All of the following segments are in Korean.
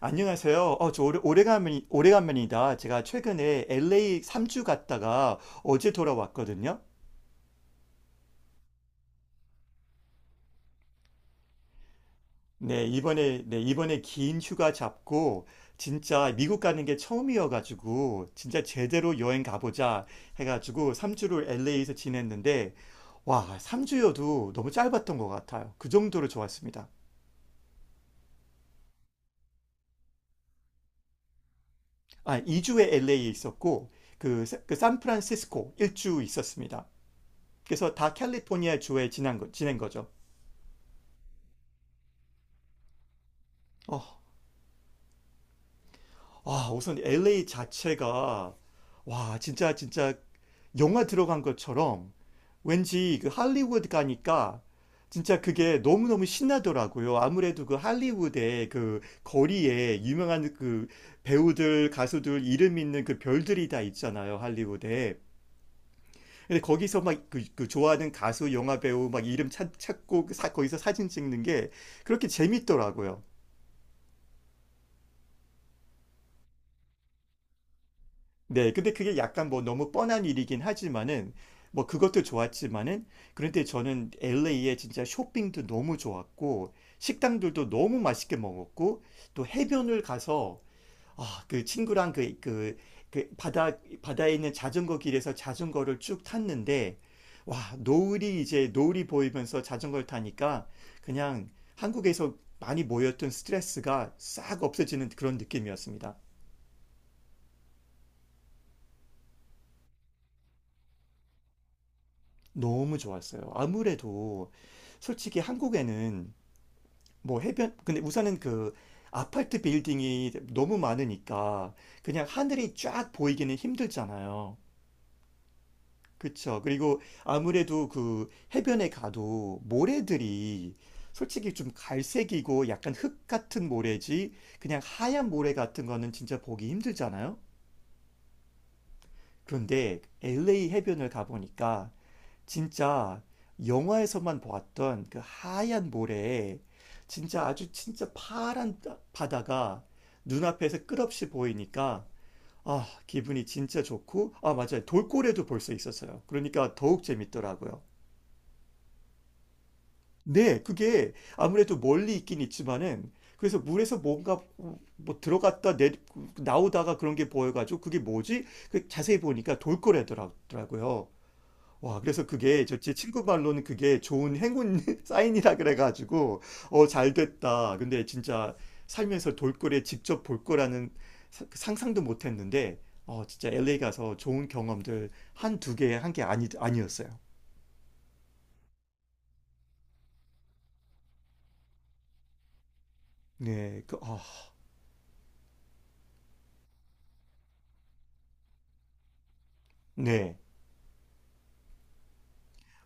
안녕하세요. 저 오래간만이다. 제가 최근에 LA 3주 갔다가 어제 돌아왔거든요. 네, 이번에 긴 휴가 잡고 진짜 미국 가는 게 처음이어가지고 진짜 제대로 여행 가보자 해가지고 3주를 LA에서 지냈는데, 와, 3주여도 너무 짧았던 것 같아요. 그 정도로 좋았습니다. 2주에 LA에 있었고 그 샌프란시스코 1주 있었습니다. 그래서 다 캘리포니아 주에 지낸 거죠. 어, 우선 LA 자체가, 와, 진짜 진짜 영화 들어간 것처럼 왠지 그 할리우드 가니까 진짜 그게 너무너무 신나더라고요. 아무래도 그 할리우드의 그 거리에 유명한 그 배우들, 가수들 이름 있는 그 별들이 다 있잖아요, 할리우드에. 근데 거기서 막그 그 좋아하는 가수, 영화 배우 막 이름 찾고 거기서 사진 찍는 게 그렇게 재밌더라고요. 네, 근데 그게 약간 뭐 너무 뻔한 일이긴 하지만은, 뭐 그것도 좋았지만은, 그런데 저는 LA에 진짜 쇼핑도 너무 좋았고 식당들도 너무 맛있게 먹었고 또 해변을 가서, 아, 그 친구랑 그 바다에 있는 자전거 길에서 자전거를 쭉 탔는데, 와, 노을이 이제 노을이 보이면서 자전거를 타니까 그냥 한국에서 많이 모였던 스트레스가 싹 없어지는 그런 느낌이었습니다. 너무 좋았어요. 아무래도 솔직히 한국에는 뭐 해변, 근데 우선은 그 아파트 빌딩이 너무 많으니까 그냥 하늘이 쫙 보이기는 힘들잖아요. 그쵸. 그리고 아무래도 그 해변에 가도 모래들이 솔직히 좀 갈색이고 약간 흙 같은 모래지, 그냥 하얀 모래 같은 거는 진짜 보기 힘들잖아요. 그런데 LA 해변을 가보니까 진짜 영화에서만 보았던 그 하얀 모래에 진짜 아주 진짜 파란 바다가 눈앞에서 끝없이 보이니까, 아, 기분이 진짜 좋고, 아, 맞아요, 돌고래도 볼 수 있었어요. 그러니까 더욱 재밌더라고요. 네, 그게 아무래도 멀리 있긴 있지만은, 그래서 물에서 뭔가 뭐 들어갔다 내 나오다가 그런 게 보여가지고, 그게 뭐지? 그 자세히 보니까 돌고래더라고요. 와, 그래서 그게 저 제 친구 말로는 그게 좋은 행운 사인이라 그래가지고 어, 잘 됐다. 근데 진짜 살면서 돌고래 직접 볼 거라는 그 상상도 못 했는데, 어, 진짜 LA 가서 좋은 경험들 한두 개 한 게 아니 아니었어요. 네, 그 아, 네.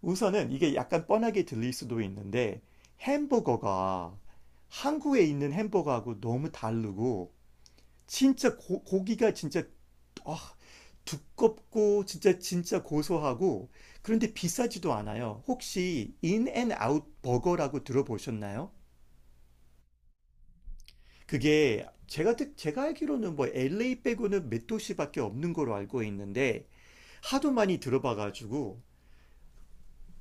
우선은 이게 약간 뻔하게 들릴 수도 있는데, 햄버거가 한국에 있는 햄버거하고 너무 다르고 진짜 고기가 진짜 아, 두껍고 진짜 진짜 고소하고, 그런데 비싸지도 않아요. 혹시 인앤아웃 버거라고 들어보셨나요? 그게 제가 알기로는 뭐 LA 빼고는 몇 도시밖에 없는 걸로 알고 있는데, 하도 많이 들어봐가지고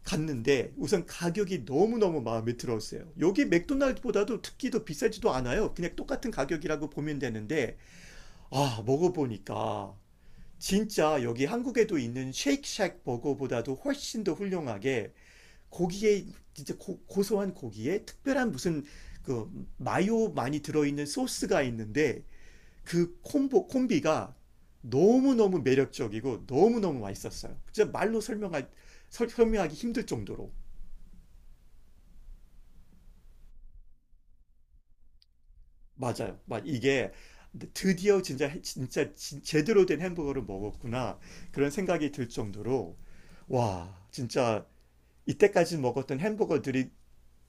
갔는데, 우선 가격이 너무너무 마음에 들었어요. 여기 맥도날드보다도 특히 더 비싸지도 않아요. 그냥 똑같은 가격이라고 보면 되는데, 아, 먹어보니까 진짜 여기 한국에도 있는 쉐이크쉑 버거보다도 훨씬 더 훌륭하게 고기에 진짜 고소한 고기에 특별한 무슨 그 마요 많이 들어있는 소스가 있는데 그 콤보 콤비가 너무너무 매력적이고 너무너무 맛있었어요. 진짜 말로 설명하기 힘들 정도로. 맞아요. 막 이게 드디어 진짜 제대로 된 햄버거를 먹었구나, 그런 생각이 들 정도로. 와, 진짜 이때까지 먹었던 햄버거들이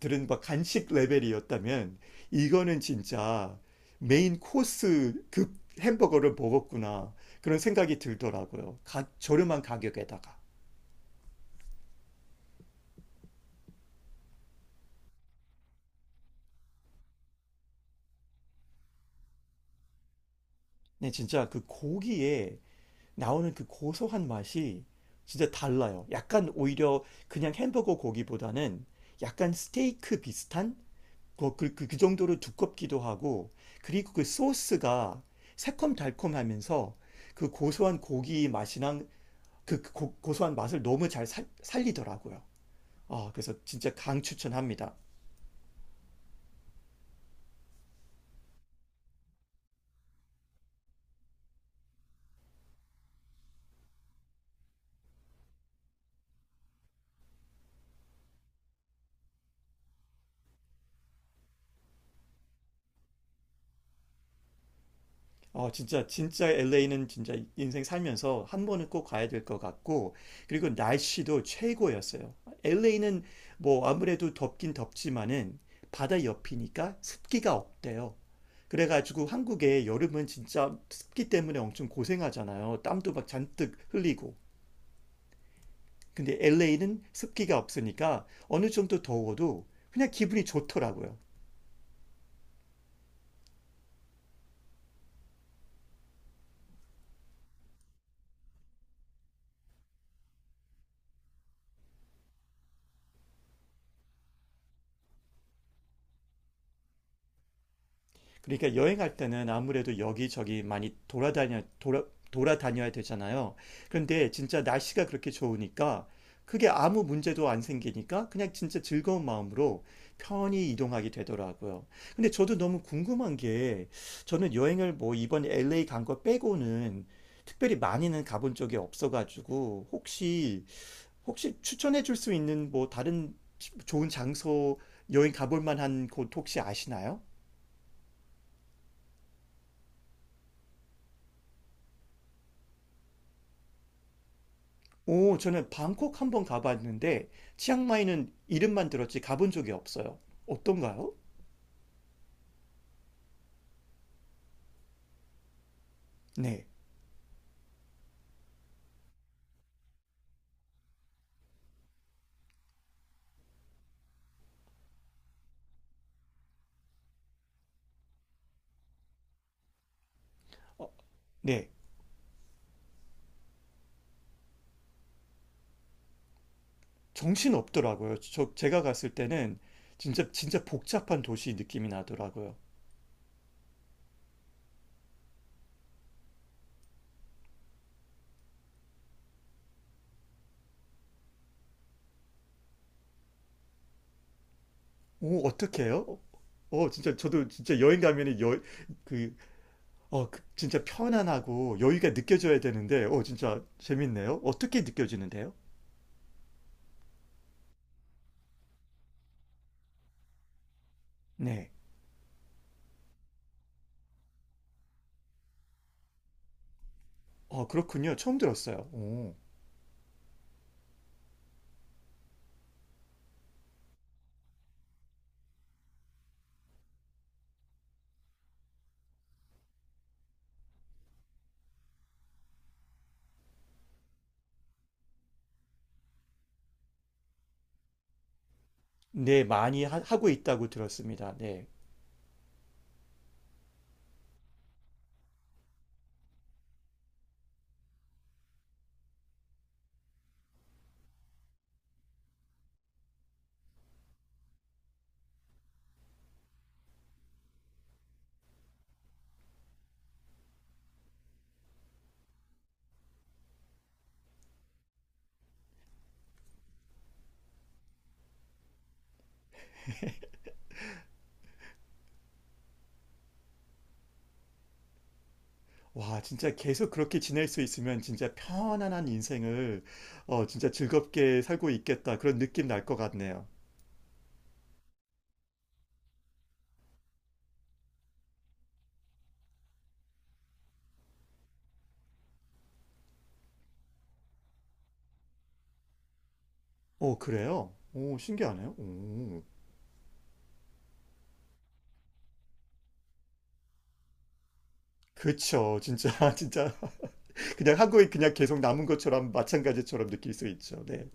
들은 막 간식 레벨이었다면 이거는 진짜 메인 코스급 햄버거를 먹었구나, 그런 생각이 들더라고요. 저렴한 가격에다가. 네, 진짜 그 고기에 나오는 그 고소한 맛이 진짜 달라요. 약간 오히려 그냥 햄버거 고기보다는 약간 스테이크 비슷한 그 정도로 두껍기도 하고. 그리고 그 소스가 새콤달콤하면서 그 고소한 고기 맛이랑 그 고소한 맛을 너무 잘 살리더라고요. 어, 그래서 진짜 강 추천합니다. 어, 진짜 진짜 LA는 진짜 인생 살면서 한 번은 꼭 가야 될 것 같고, 그리고 날씨도 최고였어요. LA는 뭐 아무래도 덥긴 덥지만은 바다 옆이니까 습기가 없대요. 그래가지고 한국에 여름은 진짜 습기 때문에 엄청 고생하잖아요. 땀도 막 잔뜩 흘리고. 근데 LA는 습기가 없으니까 어느 정도 더워도 그냥 기분이 좋더라고요. 그러니까 여행할 때는 아무래도 여기저기 많이 돌아다녀야 되잖아요. 그런데 진짜 날씨가 그렇게 좋으니까 그게 아무 문제도 안 생기니까 그냥 진짜 즐거운 마음으로 편히 이동하게 되더라고요. 근데 저도 너무 궁금한 게, 저는 여행을 뭐 이번 LA 간 거 빼고는 특별히 많이는 가본 적이 없어가지고, 혹시 추천해 줄 수 있는 뭐 다른 좋은 장소, 여행 가볼 만한 곳 혹시 아시나요? 오, 저는 방콕 한 번 가봤는데 치앙마이는 이름만 들었지 가본 적이 없어요. 어떤가요? 네, 어, 네, 정신 없더라고요. 저 제가 갔을 때는 진짜 진짜 복잡한 도시 느낌이 나더라고요. 오, 어떡해요? 진짜 저도 진짜 여행 가면은 그, 그 진짜 편안하고 여유가 느껴져야 되는데, 어, 진짜 재밌네요. 어떻게 느껴지는데요? 네, 어, 그렇군요. 처음 들었어요. 오. 네, 많이 하, 고 있다고 들었습니다. 네. 와, 진짜 계속 그렇게 지낼 수 있으면 진짜 편안한 인생을, 어, 진짜 즐겁게 살고 있겠다, 그런 느낌 날 것 같네요. 오, 그래요? 오, 신기하네요. 오. 그쵸. 진짜, 진짜. 그냥 한국에 그냥 계속 남은 것처럼 마찬가지처럼 느낄 수 있죠. 네.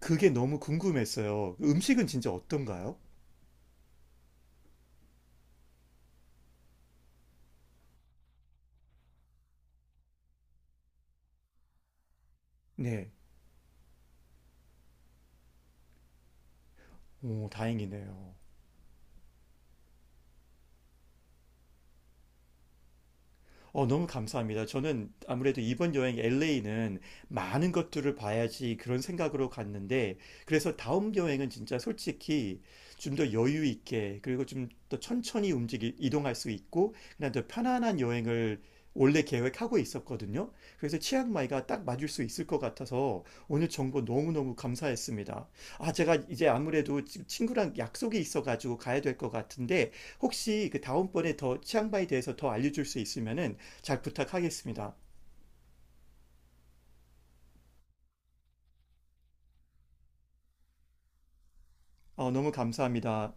그게 너무 궁금했어요. 음식은 진짜 어떤가요? 네. 오, 다행이네요. 어, 너무 감사합니다. 저는 아무래도 이번 여행 LA는 많은 것들을 봐야지 그런 생각으로 갔는데, 그래서 다음 여행은 진짜 솔직히 좀 더 여유 있게, 그리고 좀 더 천천히 이동할 수 있고, 그냥 더 편안한 여행을 원래 계획하고 있었거든요. 그래서 치앙마이가 딱 맞을 수 있을 것 같아서 오늘 정보 너무너무 감사했습니다. 아, 제가 이제 아무래도 지금 친구랑 약속이 있어가지고 가야 될 것 같은데, 혹시 그 다음번에 더 치앙마이에 대해서 더 알려줄 수 있으면은 잘 부탁하겠습니다. 어, 너무 감사합니다.